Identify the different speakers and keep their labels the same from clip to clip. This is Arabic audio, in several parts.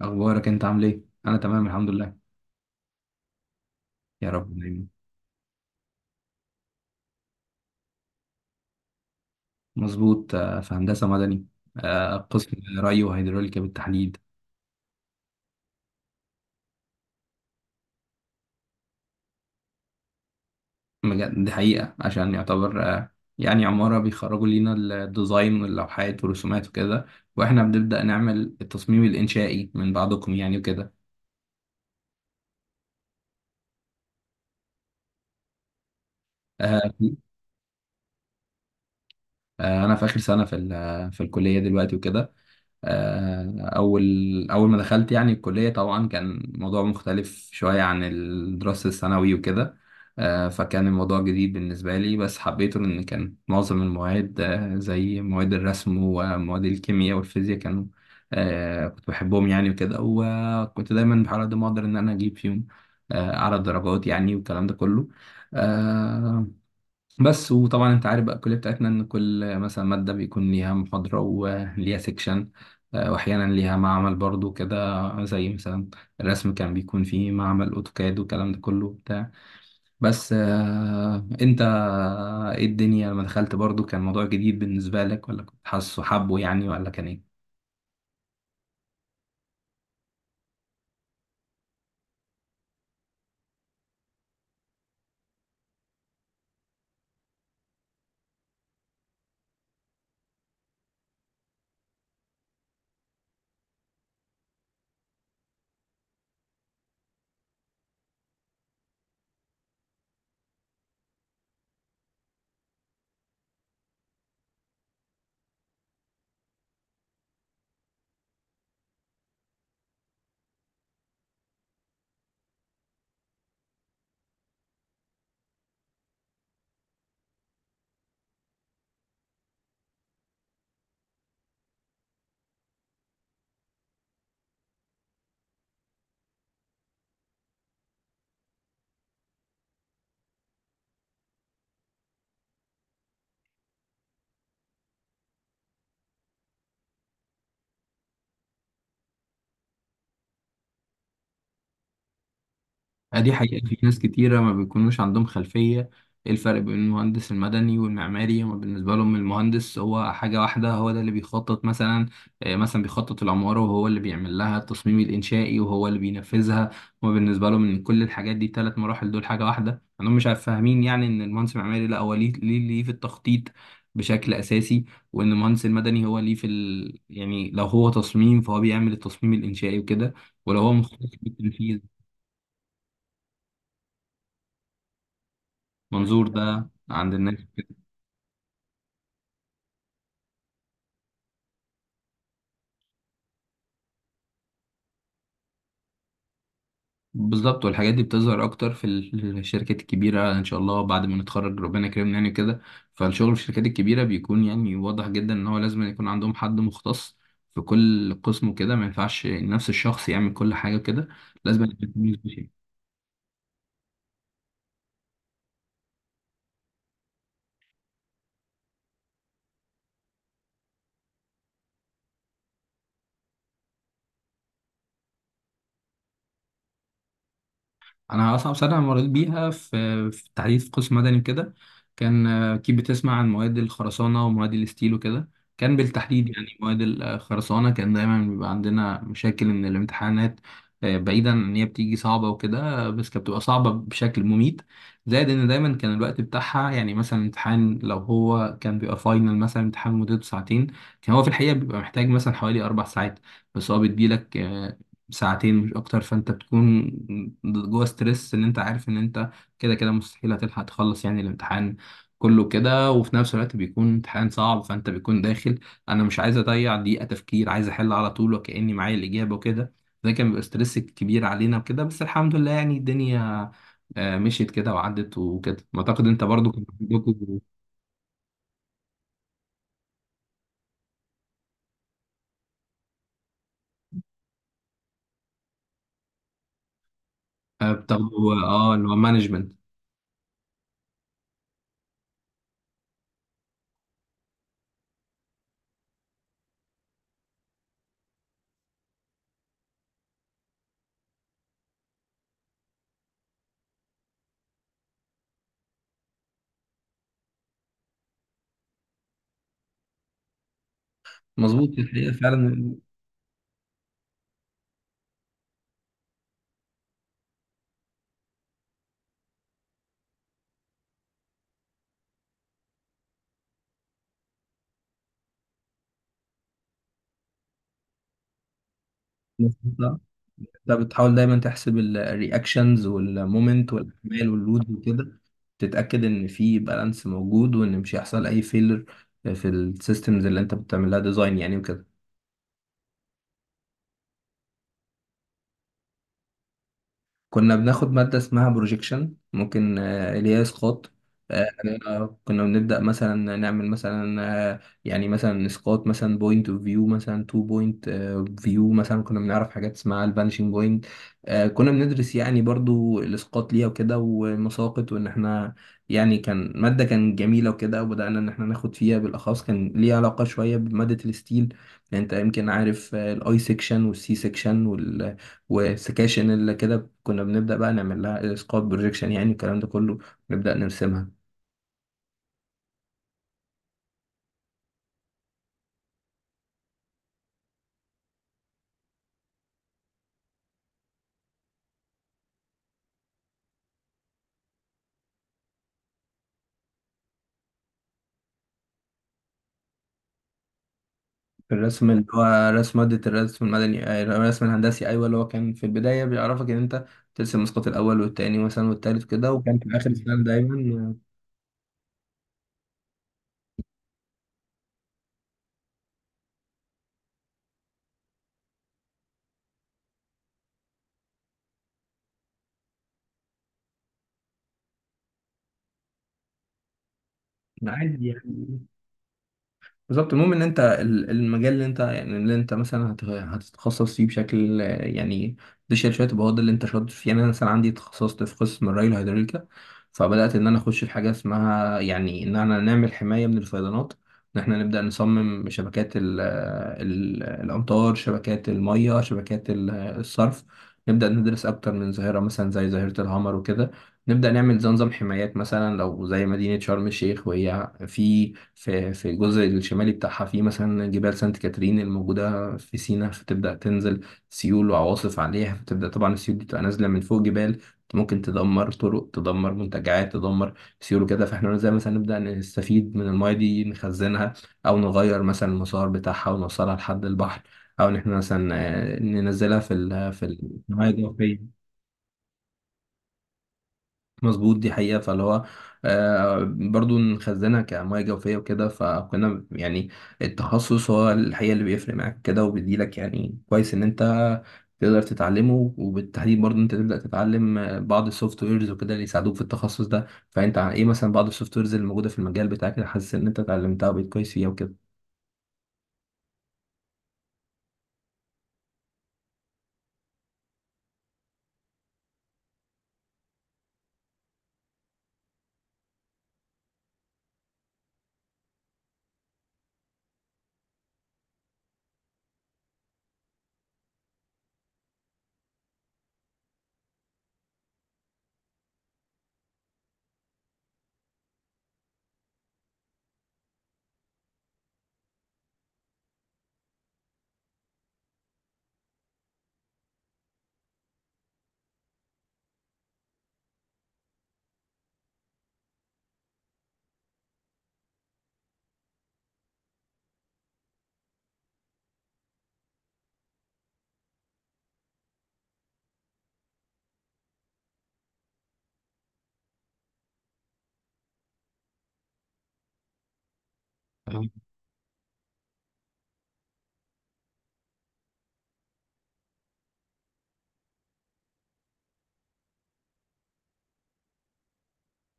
Speaker 1: اخبارك انت عامل ايه؟ انا تمام الحمد لله. يا رب دايما. مظبوط، في هندسه مدني. قسم ري وهيدروليكا بالتحديد. بجد دي حقيقه. عشان يعتبر يعني عماره بيخرجوا لينا الديزاين واللوحات والرسومات وكده. واحنا بنبدا نعمل التصميم الانشائي من بعضكم، يعني، وكده. آه، انا في اخر سنه في في الكليه دلوقتي وكده. آه، أول أول ما دخلت يعني الكلية، طبعا كان موضوع مختلف شوية عن الدراسة الثانوي وكده. فكان الموضوع جديد بالنسبة لي، بس حبيته لأن كان معظم المواد زي مواد الرسم ومواد الكيمياء والفيزياء كانوا آه، كنت بحبهم يعني وكده. وكنت دايما بحاول على قد ما أقدر إن أنا أجيب فيهم أعلى درجات يعني والكلام ده كله. آه، بس وطبعا انت عارف بقى الكليه بتاعتنا ان كل مثلا ماده بيكون ليها محاضره وليها سيكشن، واحيانا ليها معمل برضو كده، زي مثلا الرسم كان بيكون فيه معمل اوتوكاد والكلام ده كله بتاع. بس انت ايه الدنيا لما دخلت؟ برضو كان موضوع جديد بالنسبه لك ولا كنت حاسه حبه يعني ولا كان ايه؟ دي حقيقة، في ناس كتيرة ما بيكونوش عندهم خلفية ايه الفرق بين المهندس المدني والمعماري. هما بالنسبة لهم المهندس هو حاجة واحدة، هو ده اللي بيخطط مثلا مثلا بيخطط العمارة، وهو اللي بيعمل لها التصميم الإنشائي، وهو اللي بينفذها. هما بالنسبة لهم إن كل الحاجات دي تلات مراحل دول حاجة واحدة عندهم. مش عارف فاهمين يعني إن المهندس المعماري لا، هو ليه في التخطيط بشكل أساسي. وإن المهندس المدني هو ليه في يعني لو هو تصميم فهو بيعمل التصميم الإنشائي وكده، ولو هو مخطط بالتنفيذ. منظور ده عند الناس. بالظبط. والحاجات دي بتظهر اكتر في الشركات الكبيره، ان شاء الله بعد ما نتخرج ربنا يكرمنا يعني كده. فالشغل في الشركات الكبيره بيكون يعني واضح جدا ان هو لازم يكون عندهم حد مختص في كل قسم وكده. ما ينفعش نفس الشخص يعمل كل حاجه كده، لازم يكون. انا اصعب سنه مريت بيها في التحديد في قسم مدني وكده. كان آه، اكيد بتسمع عن مواد الخرسانه ومواد الستيل وكده. كان بالتحديد يعني مواد الخرسانه كان دايما بيبقى عندنا مشاكل ان الامتحانات بعيدا ان هي بتيجي صعبه وكده. بس كانت بتبقى صعبه بشكل مميت. زائد ان دايما كان الوقت بتاعها، يعني مثلا امتحان لو هو كان بيبقى فاينل مثلا، امتحان مدته ساعتين، كان هو في الحقيقه بيبقى محتاج مثلا حوالي اربع ساعات. بس هو بيديلك ساعتين مش اكتر، فانت بتكون جوه ستريس ان انت عارف ان انت كده كده مستحيل هتلحق تخلص يعني الامتحان كله كده. وفي نفس الوقت بيكون امتحان صعب، فانت بيكون داخل، انا مش عايز اضيع دقيقة تفكير، عايز احل على طول وكأني معايا الإجابة وكده. ده كان بيبقى ستريس كبير علينا وكده. بس الحمد لله يعني الدنيا مشيت كده وعدت وكده. اعتقد انت برضو كنت عندكم بتاخدوا اللي هو مانجمنت. مظبوط، الحقيقة فعلا. انت بتحاول دايما تحسب الرياكشنز والمومنت والاحتمال واللود وكده، تتاكد ان في بالانس موجود وان مش هيحصل اي فيلر في السيستمز اللي انت بتعمل لها ديزاين يعني وكده. كنا بناخد مادة اسمها بروجيكشن ممكن، اللي هي اسقاط. آه، كنا بنبدأ مثلا نعمل مثلا يعني مثلا اسقاط، مثلا بوينت اوف فيو، مثلا تو بوينت فيو، مثلا كنا بنعرف حاجات اسمها الفانشنج بوينت. كنا بندرس يعني برضو الاسقاط ليها وكده والمساقط وان احنا يعني. كان مادة كان جميلة وكده، وبدأنا ان احنا ناخد فيها بالاخص، كان ليها علاقة شوية بمادة الستيل. يعني انت يمكن عارف الاي سيكشن والسي سيكشن والسكاشن اللي كده. كنا بنبدأ بقى نعمل لها اسقاط بروجيكشن يعني الكلام ده كله، نبدأ نرسمها. الرسم اللي هو رسم مادة الرسم المدني، الرسم الهندسي، أيوة، اللي هو كان في البداية بيعرفك إن أنت ترسم اسقاط الأول والتاني مثلا والتالت كده، وكان في آخر السنة دايما. عادي يعني. بالظبط. المهم ان انت المجال اللي انت يعني اللي انت مثلا هتتخصص فيه بشكل يعني ديشير شويه، يبقى هو ده اللي انت شاطر فيه يعني. انا مثلا عندي تخصصت في قسم الري الهيدروليكا، فبدات ان انا اخش في حاجه اسمها يعني ان انا نعمل حمايه من الفيضانات. ان احنا نبدا نصمم شبكات ال الامطار، شبكات الميه، شبكات الصرف. نبدا ندرس اكتر من ظاهره مثلا زي ظاهره الهامر وكده. نبدأ نعمل زي نظام حمايات مثلا، لو زي مدينة شرم الشيخ وهي في الجزء الشمالي بتاعها، في مثلا جبال سانت كاترين الموجودة في سيناء، فتبدأ تنزل سيول وعواصف عليها، فتبدأ طبعا السيول دي تبقى نازلة من فوق جبال. ممكن تدمر طرق، تدمر منتجعات، تدمر سيول وكده. فاحنا زي مثلا نبدأ نستفيد من المايه دي، نخزنها، أو نغير مثلا المسار بتاعها ونوصلها لحد البحر، أو إن احنا مثلا ننزلها في الحماية الجوفية. مظبوط، دي حقيقة. فاللي هو برضو نخزنها كمياه جوفية وكده، فكنا يعني التخصص هو الحقيقة اللي بيفرق معاك كده، وبيديلك يعني كويس إن أنت تقدر تتعلمه. وبالتحديد برضو أنت تبدأ تتعلم بعض السوفت ويرز وكده اللي يساعدوك في التخصص ده. فأنت عن إيه مثلا بعض السوفت ويرز اللي موجودة في المجال بتاعك اللي حاسس إن أنت اتعلمتها وبقيت كويس فيها وكده؟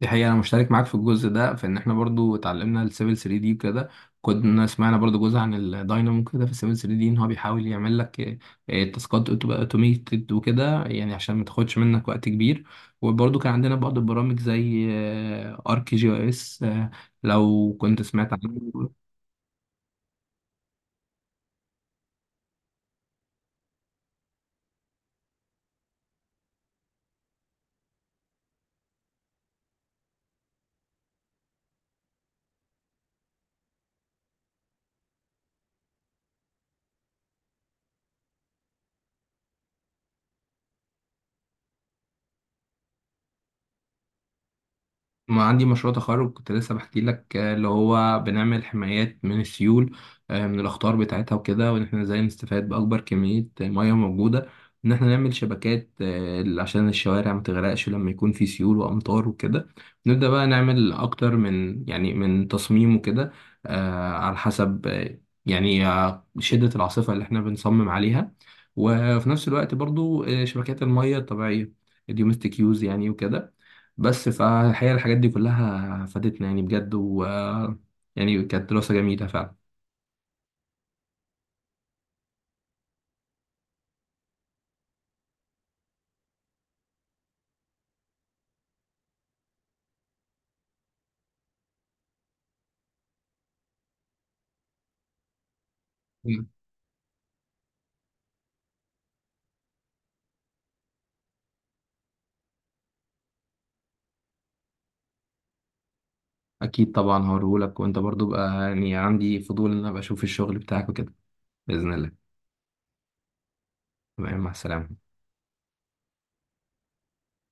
Speaker 1: دي حقيقة، أنا مشترك معاك في الجزء ده في إن إحنا برضو اتعلمنا السيفل 3 دي وكده. كنا سمعنا برضو جزء عن الداينامو كده في السيفل 3 دي، إن هو بيحاول يعمل لك تاسكات تبقى أوتوميتد وكده يعني عشان ما تاخدش منك وقت كبير. وبرضو كان عندنا بعض البرامج زي آرك جي أو إس، لو كنت سمعت عنه. ما عندي مشروع تخرج كنت لسه بحكي لك اللي هو بنعمل حمايات من السيول، من الأخطار بتاعتها وكده، وإن إحنا إزاي نستفاد بأكبر كمية مية موجودة. إن إحنا نعمل شبكات عشان الشوارع ما تغرقش لما يكون في سيول وأمطار وكده. نبدأ بقى نعمل أكتر من يعني من تصميم وكده، على حسب شدة العاصفة اللي إحنا بنصمم عليها. وفي نفس الوقت برضو شبكات المية الطبيعية، الدومستيك يوز يعني وكده. بس فالحقيقة الحاجات دي كلها فادتنا يعني بجد، و يعني كانت دراسة جميلة فعلا. مم. أكيد طبعا هوريهولك. وأنت برضو بقى يعني عندي فضول إن أنا أبقى أشوف الشغل بتاعك وكده. بإذن الله. تمام، مع السلامة.